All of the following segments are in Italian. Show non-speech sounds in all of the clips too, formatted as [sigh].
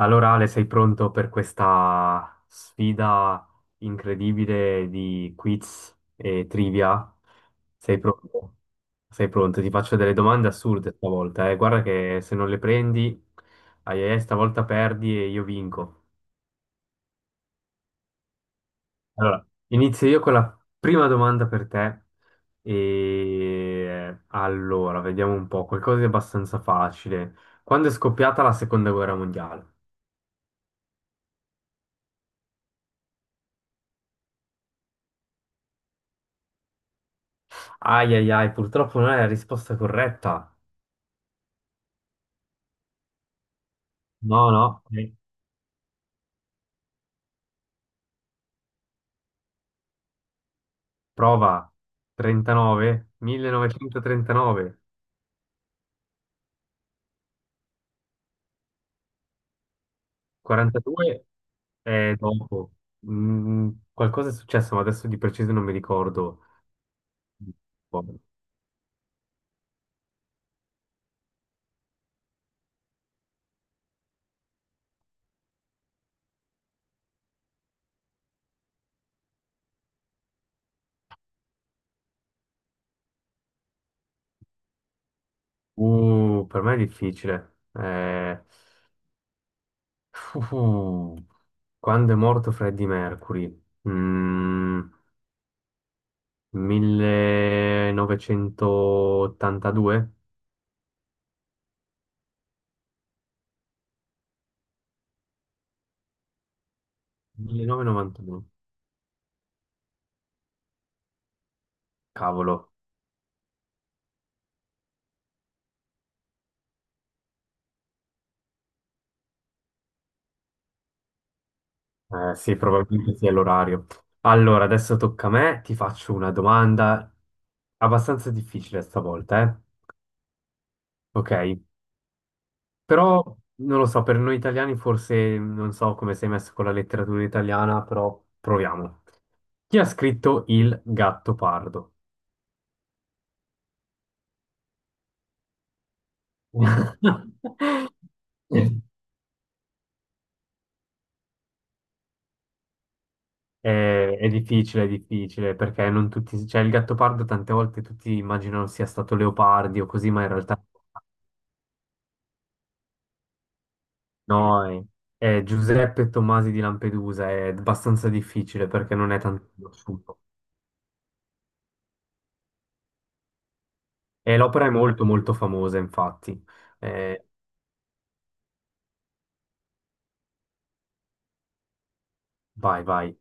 Allora Ale, sei pronto per questa sfida incredibile di quiz e trivia? Sei pronto? Sei pronto? Ti faccio delle domande assurde stavolta, eh. Guarda che se non le prendi, ai ai ai, stavolta perdi e io vinco. Allora, inizio io con la prima domanda per te. E allora, vediamo un po', qualcosa di abbastanza facile. Quando è scoppiata la seconda guerra mondiale? Ai ai ai, purtroppo non è la risposta corretta. No, no, prova 39, 1939, 42 è dopo. Qualcosa è successo, ma adesso di preciso non mi ricordo. Per me è difficile. Uh, quando è morto Freddie Mercury? 1982? 1992? Cavolo. Sì, probabilmente sì, è l'orario. Allora, adesso tocca a me, ti faccio una domanda abbastanza difficile stavolta, eh? Ok, però non lo so, per noi italiani forse non so come sei messo con la letteratura italiana, però proviamo. Chi ha scritto Il gatto pardo? [laughs] È, è difficile, è difficile, perché non tutti, cioè il gatto pardo tante volte tutti immaginano sia stato Leopardi o così, ma in realtà no, Giuseppe Tomasi di Lampedusa è abbastanza difficile perché non è tanto conosciuto. E l'opera è molto molto famosa, infatti. Eh, vai, vai.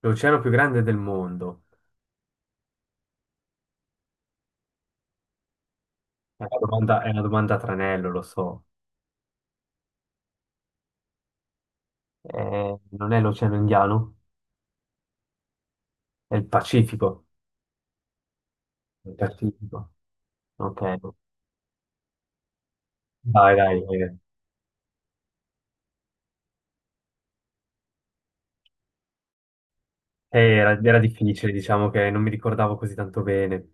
L'oceano più grande del mondo. È una domanda a tranello, lo so. Non è l'oceano Indiano? È il Pacifico. Il Pacifico. Ok. Dai, dai. Eh. Era difficile, diciamo che non mi ricordavo così tanto bene.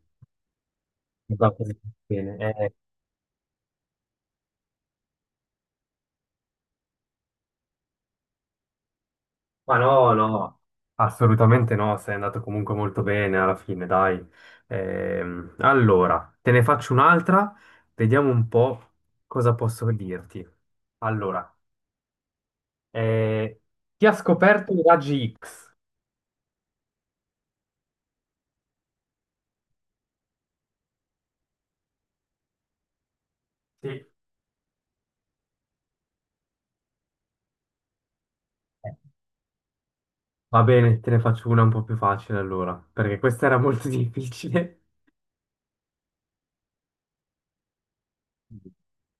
Non ricordavo così tanto bene. Ma no, no, assolutamente no, sei andato comunque molto bene alla fine, dai. Allora, te ne faccio un'altra, vediamo un po' cosa posso dirti. Allora, eh, chi ha scoperto i raggi X? Sì. Va bene, te ne faccio una un po' più facile allora, perché questa era molto [laughs] difficile.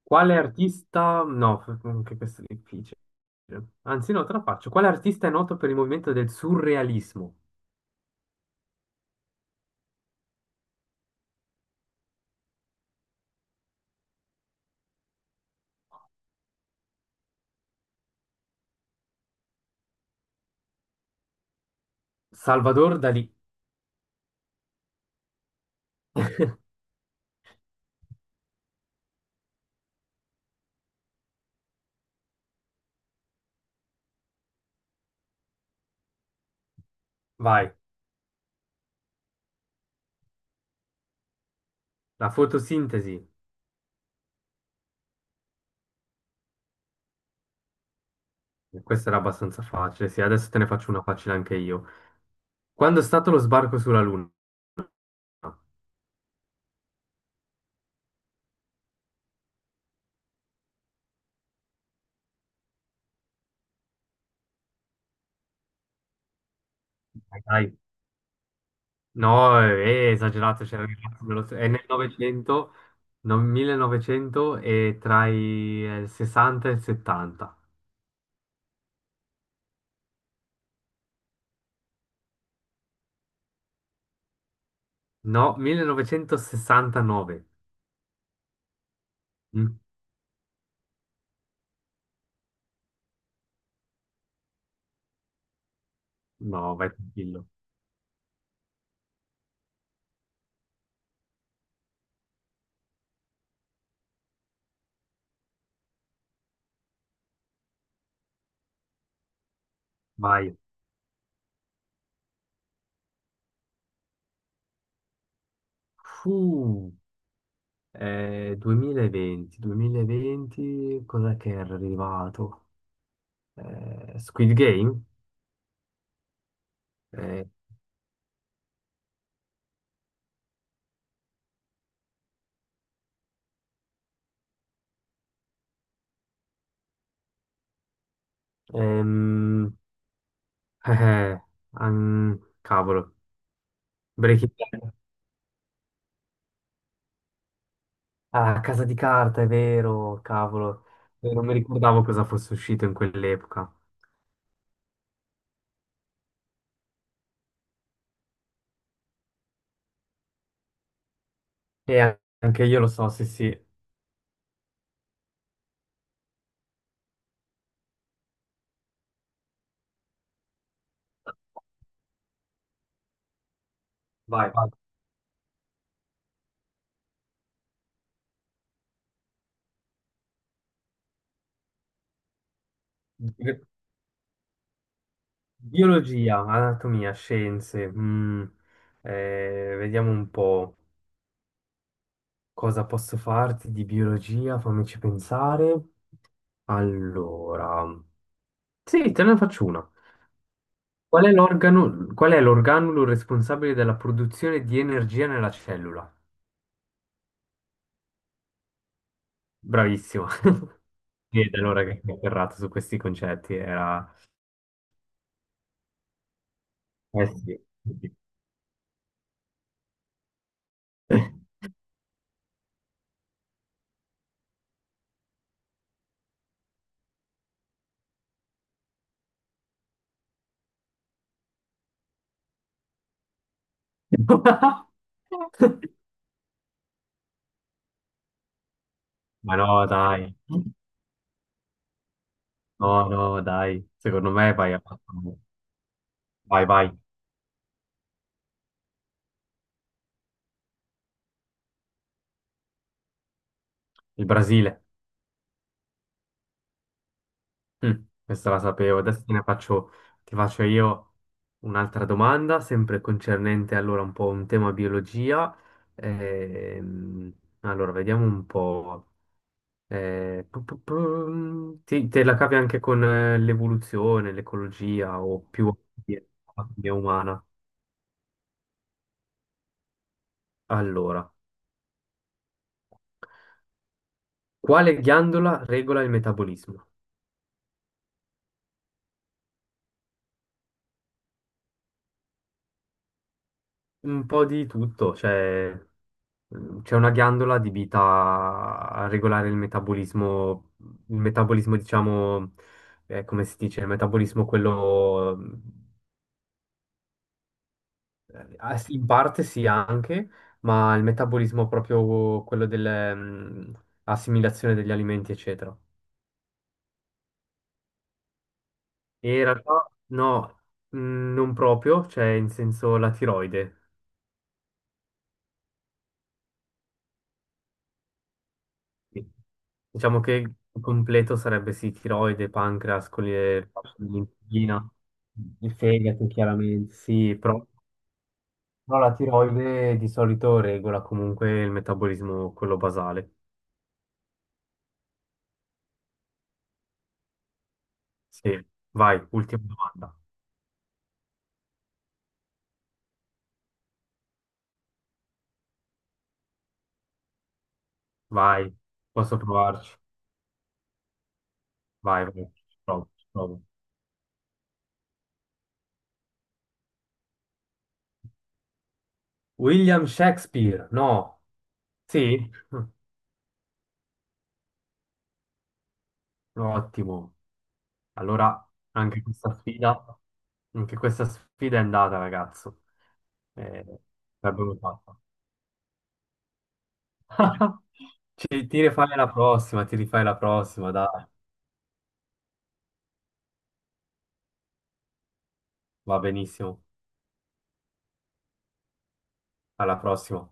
Quale artista? No, anche questo è difficile. Anzi, no, te la faccio. Quale artista è noto per il movimento del surrealismo? Salvador Dalì. Vai, la fotosintesi. Questa era abbastanza facile, sì, adesso te ne faccio una facile anche io. Quando è stato lo sbarco sulla Luna? Dai, dai. No, è esagerato, c'era il ragazzo dello- è nel Novecento, no, 1900 e tra i 60 e il 70. No, 1969. Mm? No, vai tranquillo. Vai. Fu, 2020, cos'è che era arrivato? Squid Game? Eh, ehm, eh, eh, cavolo, Breaking Bad. Ah, Casa di Carta, è vero, cavolo. Non mi ricordavo cosa fosse uscito in quell'epoca. Anche io lo so, sì, sì. Vai. Vai. Bi- Biologia, anatomia, scienze. Vediamo un po' cosa posso farti di biologia, fammici pensare. Allora, sì, te ne faccio una. Qual è l'organulo responsabile della produzione di energia nella cellura? Bravissimo. [laughs] Sì, da allora che mi ho ferrato su questi concetti era... Eh sì. [laughs] Ma no, dai. No, no, dai. Secondo me vai a... Vai, vai. Il Brasile. Mm, questa la sapevo. Adesso te ne faccio, ti faccio io un'altra domanda, sempre concernente allora un po' un tema biologia. Ehm, allora, vediamo un po'. Te la cavi anche con l'evoluzione, l'ecologia o più la biologia umana. Allora, quale ghiandola regola il metabolismo? Un po' di tutto, cioè c'è una ghiandola adibita a regolare il metabolismo diciamo, come si dice, il metabolismo quello, sì, in parte sì anche, ma il metabolismo proprio quello dell'assimilazione degli alimenti, eccetera. E in realtà no, non proprio, cioè in senso la tiroide. Sì. Diciamo che il completo sarebbe sì, tiroide, pancreas, l'insulina, il fegato chiaramente, sì, però, però la tiroide di solito regola comunque il metabolismo, quello basale. Sì, vai, ultima domanda, vai, posso provarci, vai, vai, provo, provo. William Shakespeare, no, sì, [laughs] ottimo. Allora, anche questa sfida, anche questa sfida è andata, ragazzo. Eh, l'abbiamo fatta. [laughs] Ti rifai la prossima, ti rifai la prossima, dai. Va benissimo. Alla prossima.